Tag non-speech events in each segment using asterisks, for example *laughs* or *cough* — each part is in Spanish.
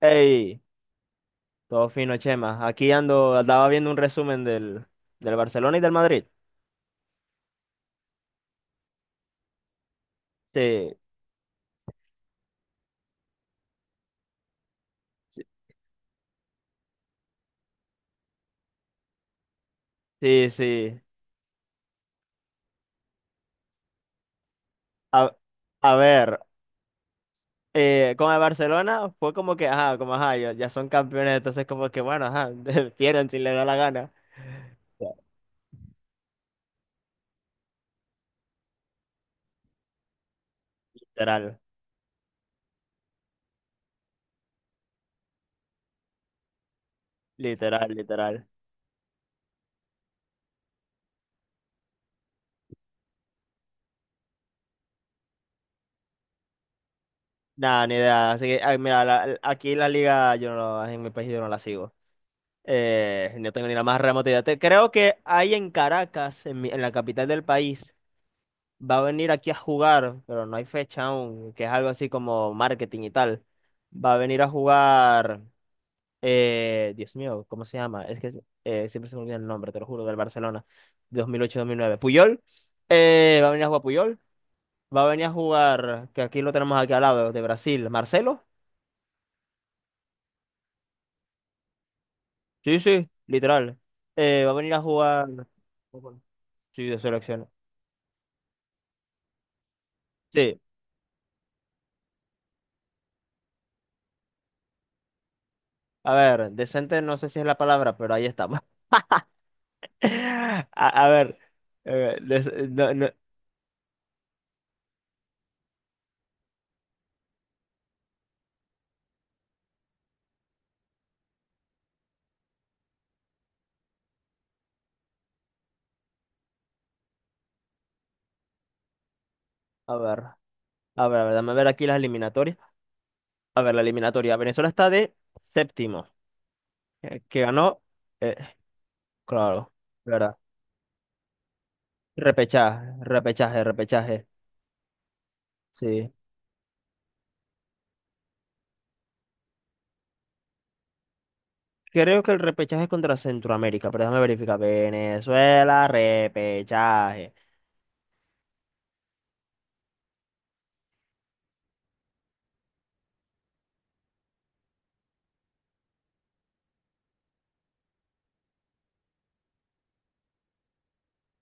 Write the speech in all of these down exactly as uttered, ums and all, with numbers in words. Hey, todo fino, Chema. Aquí ando, andaba viendo un resumen del, del Barcelona y del Madrid. Sí, sí, sí. A, a ver, eh, con el Barcelona fue como que, ajá, como ajá, ya, ya son campeones, entonces como que, bueno, ajá, *laughs* pierden si les da la gana. Ya, literal, literal, literal. Nada, ni idea. Así que, ah, mira, la- aquí la liga, yo no, en mi país yo no la sigo. Eh, no tengo ni la más remota idea. Te- creo que hay en Caracas, en, mi- en la capital del país. Va a venir aquí a jugar, pero no hay fecha aún, que es algo así como marketing y tal. Va a venir a jugar, eh, Dios mío, ¿cómo se llama? Es que eh, siempre se me olvida el nombre, te lo juro, del Barcelona, dos dos mil ocho mil nueve Puyol, eh, va a venir a jugar Puyol, va a venir a jugar, que aquí lo tenemos aquí al lado, de Brasil, Marcelo. Sí, sí, literal. Eh, va a venir a jugar... Sí, de selección. Sí, a ver, decente no sé si es la palabra, pero ahí estamos. A, a ver, eh, des- eh, no- no- a ver, a ver, a ver, dame ver aquí las eliminatorias. A ver, la eliminatoria. Venezuela está de séptimo, eh, que ganó, eh, claro, ¿verdad? Repechaje, repechaje, repechaje. Sí. Creo que el repechaje es contra Centroamérica, pero déjame verificar. Venezuela, repechaje.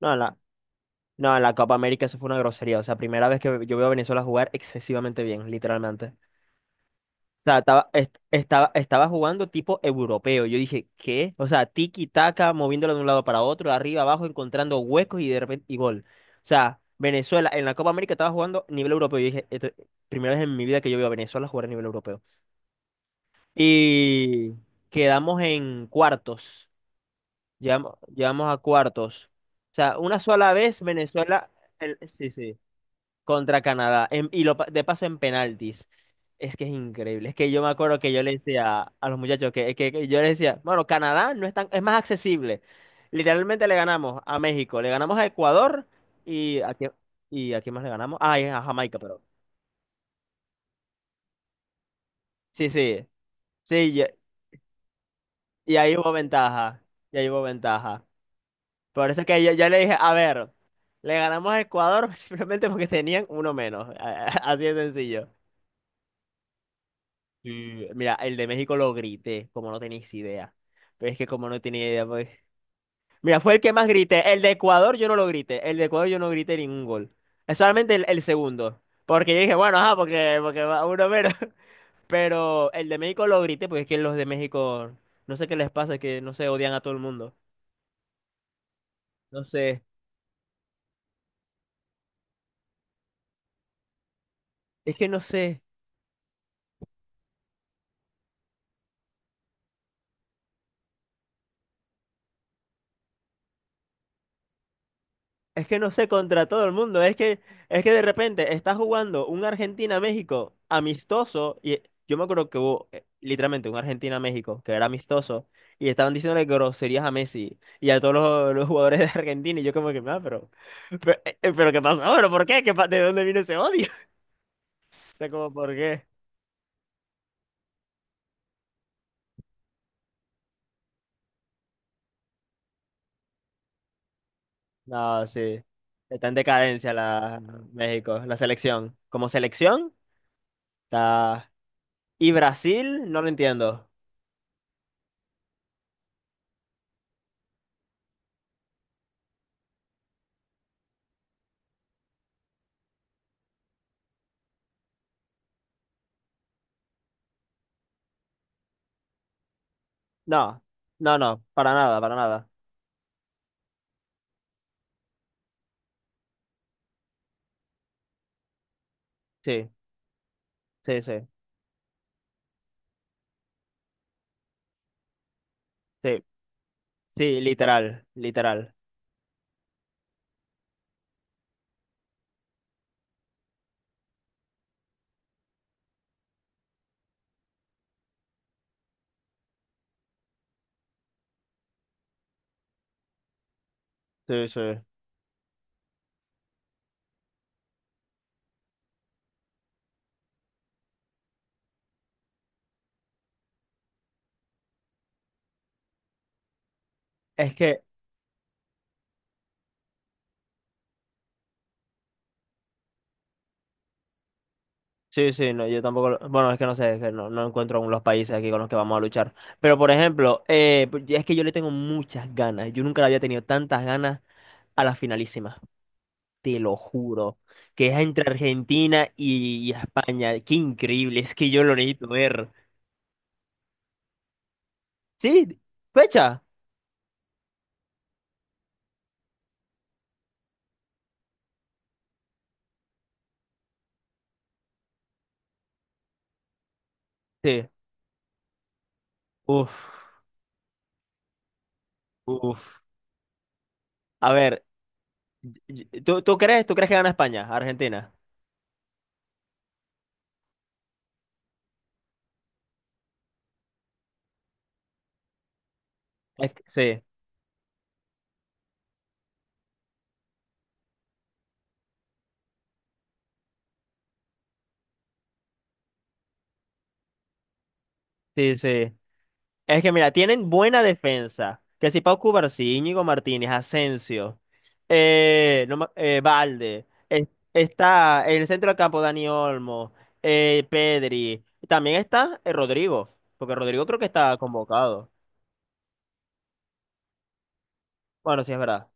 No, en la, no, en la Copa América eso fue una grosería. O sea, primera vez que yo veo a Venezuela jugar excesivamente bien, literalmente. Sea, estaba, est- estaba, estaba jugando tipo europeo. Yo dije, ¿qué? O sea, tiki-taka, moviéndolo de un lado para otro, arriba, abajo, encontrando huecos y de repente, y gol. O sea, Venezuela en la Copa América estaba jugando nivel europeo. Yo dije, "Esto- primera vez en mi vida que yo veo a Venezuela jugar a nivel europeo. Y quedamos en cuartos. Llegamos, llegamos a cuartos. O sea, una sola vez Venezuela. El- sí, sí contra Canadá. En- y lo, pa- de paso en penaltis. Es que es increíble. Es que yo me acuerdo que yo le decía a los muchachos que, que- que yo les decía, bueno, Canadá no es tan, es más accesible. Literalmente le ganamos a México, le ganamos a Ecuador y a quién, y a quién más le ganamos. Ah, y a Jamaica, pero. Sí, sí. Sí, y, y ahí hubo ventaja. Y ahí hubo ventaja. Por eso es que yo, yo le dije, a ver, le ganamos a Ecuador *laughs* simplemente porque tenían uno menos. *laughs* Así de sencillo. Sí, mira, el de México lo grité, como no tenéis idea. Pero es que como no tenía idea, pues. Mira, fue el que más grité. El de Ecuador yo no lo grité. El de Ecuador yo no grité ningún gol. Es solamente el, el segundo. Porque yo dije, bueno, ajá, porque, porque va uno menos. *laughs* Pero el de México lo grité, porque es que los de México, no sé qué les pasa, es que no sé, odian a todo el mundo. No sé. Es que no sé. Es que no sé contra todo el mundo, es que, es que de repente está jugando un Argentina-México amistoso y yo me acuerdo que hubo eh, literalmente un Argentina-México que era amistoso y estaban diciéndole groserías a Messi y a todos los, los jugadores de Argentina y yo como que, ah, pero, pero, eh, eh, pero ¿qué pasó? ¿Pero por qué? ¿Qué pa- ¿De dónde vino ese odio? *laughs* O sea, como, ¿por qué? No, sí, está en decadencia la México, la selección. Como selección, está... Y Brasil, no lo entiendo. No, no, no, para nada, para nada. Sí, sí, sí, sí, sí, literal, literal, sí, sí. Es que, sí, sí, no, yo tampoco, lo- bueno, es que no sé, es que no, no encuentro aún los países aquí con los que vamos a luchar. Pero, por ejemplo, eh, pu- es que yo le tengo muchas ganas, yo nunca le había tenido tantas ganas a la finalísima, te lo juro, que es entre Argentina y, y España, qué increíble, es que yo lo necesito ver. Sí, fecha, sí, uff, uff. A ver, y- y- ¿tú, tú crees, tú crees que gana España, Argentina? Es sí. Sí, sí. Es que mira, tienen buena defensa. Que si Pau Cubarsí, Íñigo Martínez, Asensio, eh, no me- eh, Valde, eh, está en el centro del campo Dani Olmo, eh, Pedri. También está eh, Rodrigo, porque Rodrigo creo que está convocado. Bueno, sí, es verdad.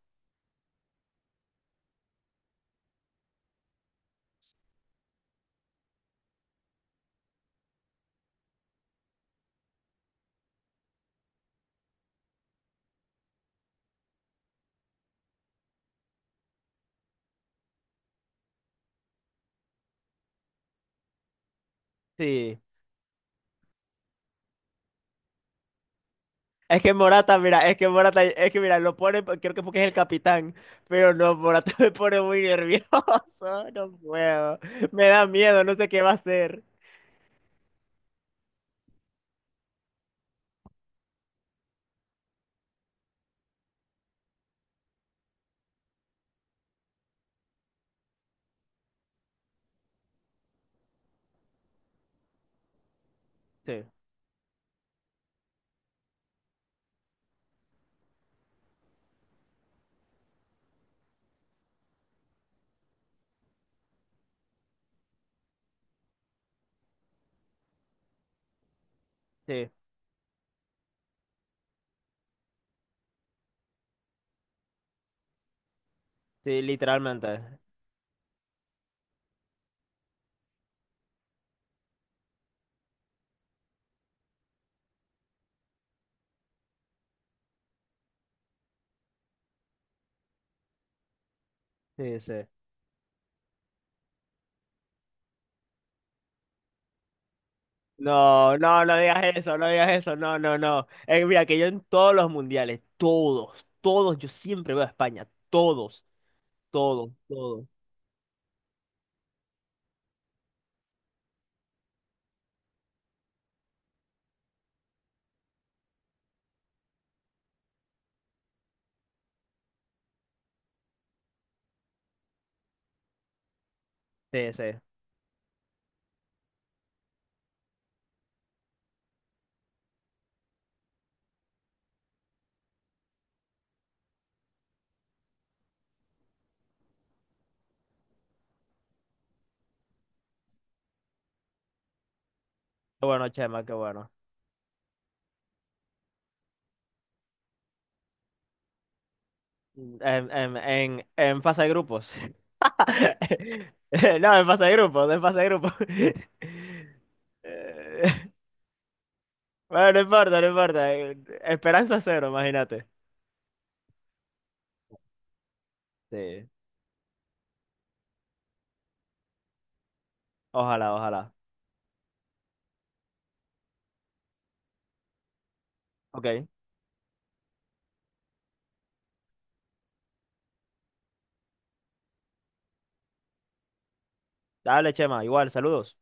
Sí. Es que Morata, mira, es que Morata, es que mira, lo pone, creo que porque es el capitán, pero no, Morata *laughs* me pone muy nervioso, *laughs* no puedo, me da miedo, no sé qué va a hacer. Sí, sí. Sí, literalmente. Sí, sí. No, no, no digas eso, no digas eso, no, no, no. Eh, mira, que yo en todos los mundiales, todos, todos, yo siempre veo a España, todos, todos, todos. Sí, sí. Qué bueno, Chema, qué bueno. Mm, En, en, en, en fase de grupos. *laughs* No, en fase de grupos, en fase de grupos. *laughs* Eh, *laughs* Bueno, no importa, no importa. Eh, Esperanza cero, imagínate. Sí, ojalá, ojalá. Ok, dale, Chema, igual, saludos.